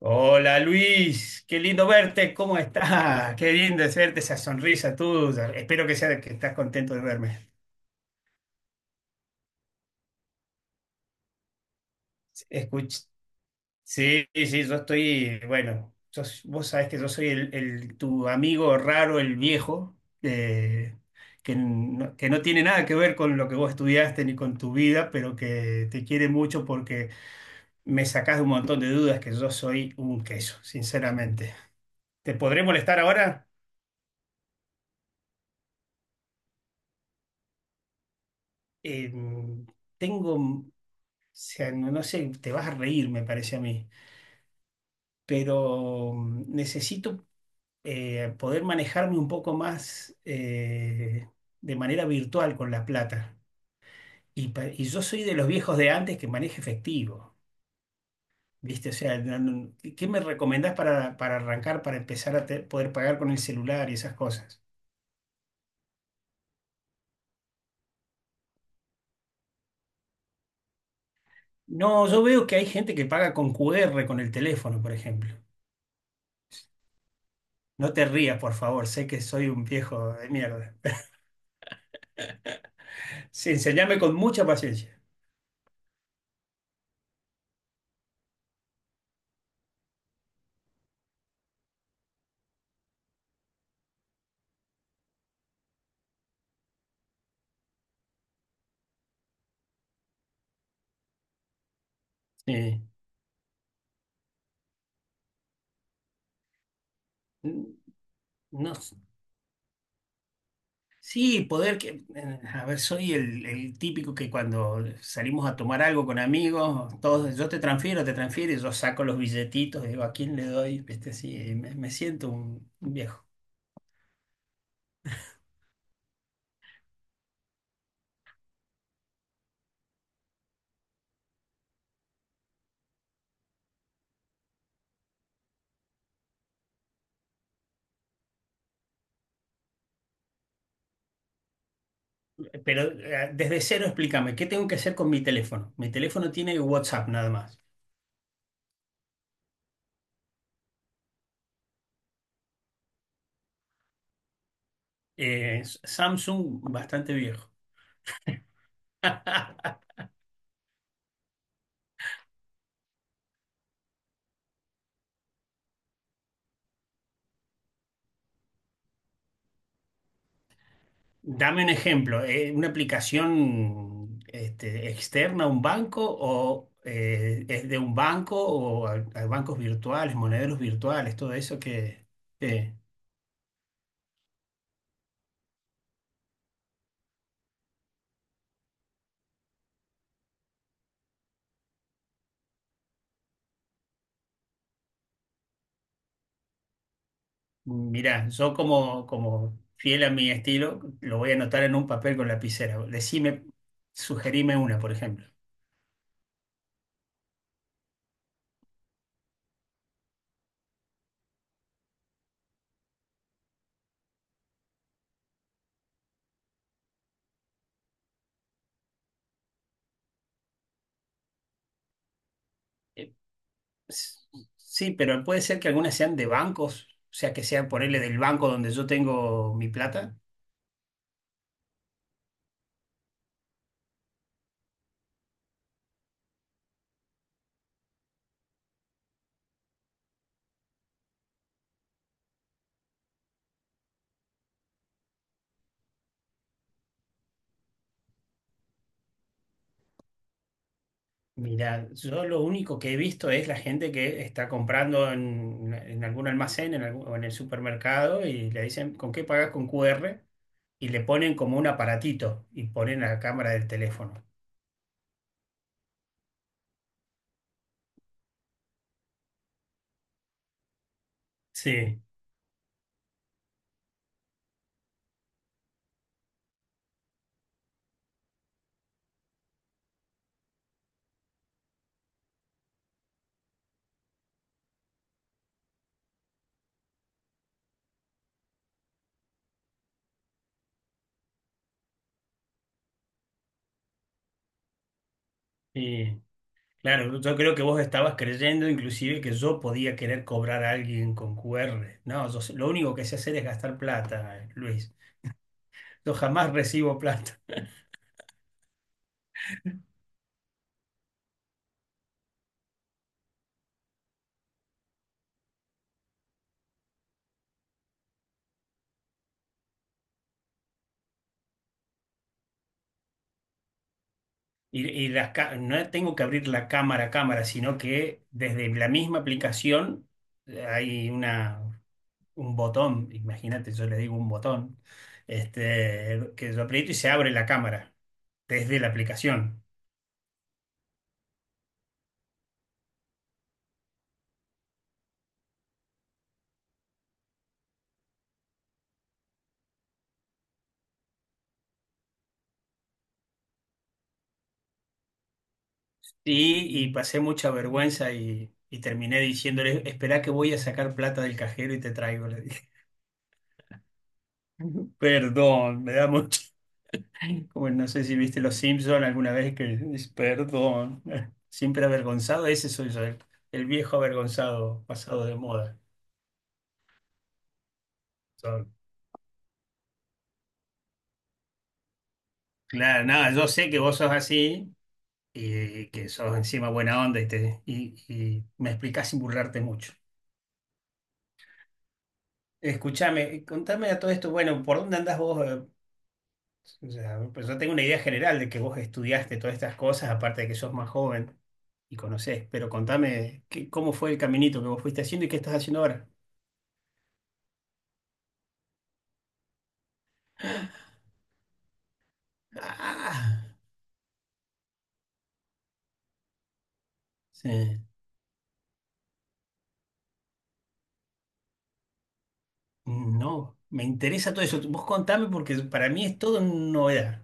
Hola Luis, qué lindo verte, ¿cómo estás? Qué lindo es verte esa sonrisa tuya. Espero que sea que estás contento de verme. Escuch- sí, sí, yo estoy, bueno, vos sabés que yo soy tu amigo raro, el viejo, eh, que no tiene nada que ver con lo que vos estudiaste ni con tu vida, pero que te quiere mucho porque me sacás de un montón de dudas que yo soy un queso, sinceramente. ¿Te podré molestar ahora? Em, tengo. Sea, no, no sé, te vas a reír, me parece a mí, pero necesito poder manejarme un poco más de manera virtual con la plata. Y, y yo soy de los viejos de antes que maneja efectivo, ¿viste? O sea, ¿qué me recomendás para arrancar, para empezar a poder pagar con el celular y esas cosas? No, yo veo que hay gente que paga con QR, con el teléfono, por ejemplo. No te rías, por favor, sé que soy un viejo de mierda. Sí, enseñame con mucha paciencia. Sí. No, sí, poder que, a ver, soy el típico que cuando salimos a tomar algo con amigos, todos, yo te transfiero, y yo saco los billetitos, digo, ¿a quién le doy? Viste, así, y me siento un viejo. Pero desde cero explícame, ¿qué tengo que hacer con mi teléfono? Mi teléfono tiene WhatsApp nada más. Samsung, bastante viejo. Dame un ejemplo, ¿una aplicación este, externa a un banco o es de un banco o a bancos virtuales, monederos virtuales, todo eso que mirá, yo como, como fiel a mi estilo, lo voy a anotar en un papel con lapicera. Decime, sugerime una, por ejemplo. Eh, Sí, pero puede ser que algunas sean de bancos, o sea, que sean ponerle del banco donde yo tengo mi plata. Mira, yo lo único que he visto es la gente que está comprando en algún almacén en o en el supermercado y le dicen, ¿con qué pagas con QR? Y le ponen como un aparatito y ponen la cámara del teléfono. Sí, y claro, yo creo que vos estabas creyendo inclusive que yo podía querer cobrar a alguien con QR. No, lo único que sé hacer es gastar plata, Luis. Yo jamás recibo plata. Y las no tengo que abrir la cámara a cámara, sino que desde la misma aplicación hay una, un botón, imagínate, yo le digo un botón, este, que yo aprieto y se abre la cámara desde la aplicación. Y pasé mucha vergüenza y terminé diciéndole, esperá que voy a sacar plata del cajero y te traigo, le dije. Perdón, me da mucho. Como no sé si viste Los Simpson alguna vez que dice, perdón, siempre avergonzado, ese soy yo, el viejo avergonzado, pasado de moda. Yo, claro, nada, yo sé que vos sos así y que sos encima buena onda y, te, y me explicás sin burlarte mucho. Escúchame, contame a todo esto, bueno, ¿por dónde andás vos, eh? O sea, pues yo tengo una idea general de que vos estudiaste todas estas cosas, aparte de que sos más joven y conocés, pero contame cómo fue el caminito que vos fuiste haciendo y qué estás haciendo ahora. Ah, sí. No, me interesa todo eso. Vos contame porque para mí es todo novedad.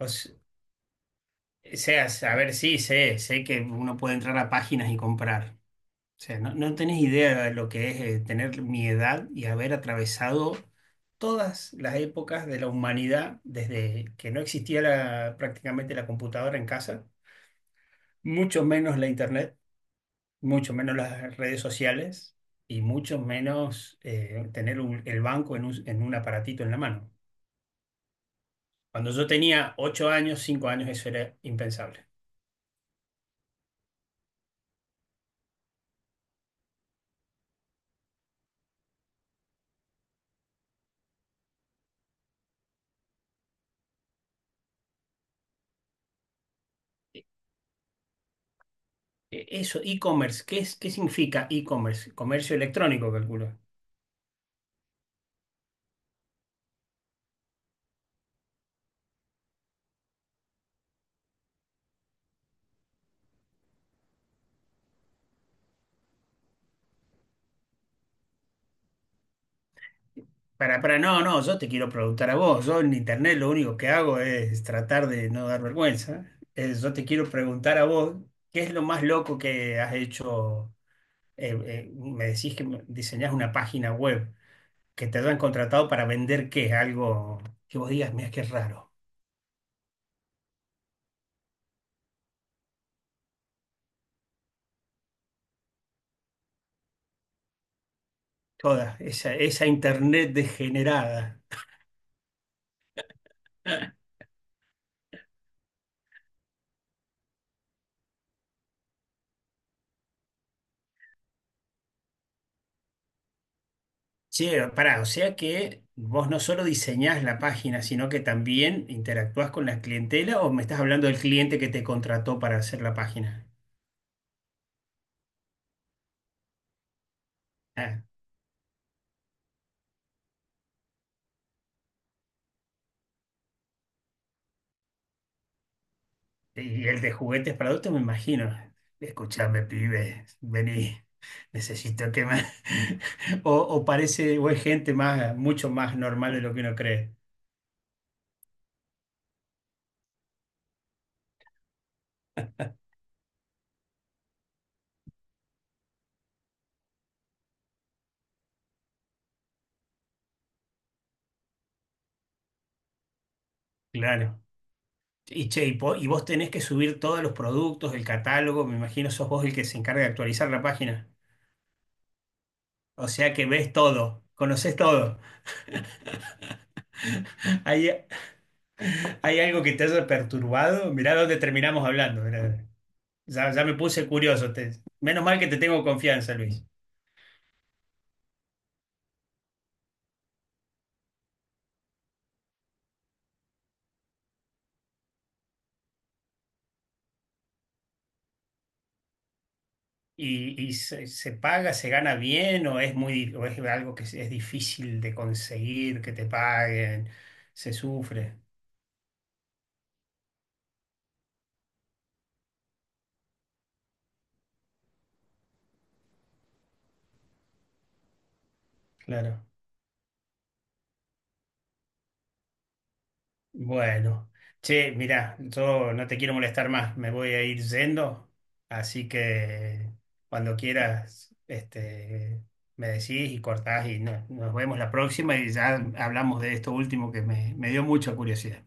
O se- sea, a ver, sí, sé, sé que uno puede entrar a páginas y comprar. O sea, no, no tenés idea de lo que es tener mi edad y haber atravesado todas las épocas de la humanidad desde que no existía prácticamente la computadora en casa, mucho menos la internet. Mucho menos las redes sociales y mucho menos tener el banco en un aparatito en la mano. Cuando yo tenía 8 años, 5 años, eso era impensable. Eso, e-commerce, ¿qué es, qué significa e-commerce? Comercio electrónico, calculo. Para, no, no, yo te quiero preguntar a vos. Yo en internet lo único que hago es tratar de no dar vergüenza. Yo te quiero preguntar a vos, ¿qué es lo más loco que has hecho? Me decís que diseñás una página web. Que te hayan contratado para vender qué, algo que vos digas, mira qué raro. Toda esa, esa internet degenerada. Che, pará, o sea que vos no solo diseñás la página, sino que también interactuás con la clientela o me estás hablando del cliente que te contrató para hacer la página. Ah, y el de juguetes para adultos, me imagino. Escuchame, pibe, vení, necesito que me... O, o parece, o es gente más, mucho más normal de lo que uno cree. Claro. Y che, y vos tenés que subir todos los productos, el catálogo, me imagino sos vos el que se encarga de actualizar la página. O sea que ves todo, conoces todo. ¿Hay, hay algo que te haya perturbado? Mirá dónde terminamos hablando, mirá. Ya, ya me puse curioso. Menos mal que te tengo confianza, Luis. Y se, se paga, se gana bien o es muy, o es algo que es difícil de conseguir, que te paguen? Se sufre, claro. Bueno, che, mirá, yo no te quiero molestar más, me voy a ir yendo, así que cuando quieras, este, me decís y cortás y nos vemos la próxima y ya hablamos de esto último que me dio mucha curiosidad.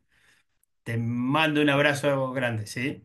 Te mando un abrazo grande, ¿sí?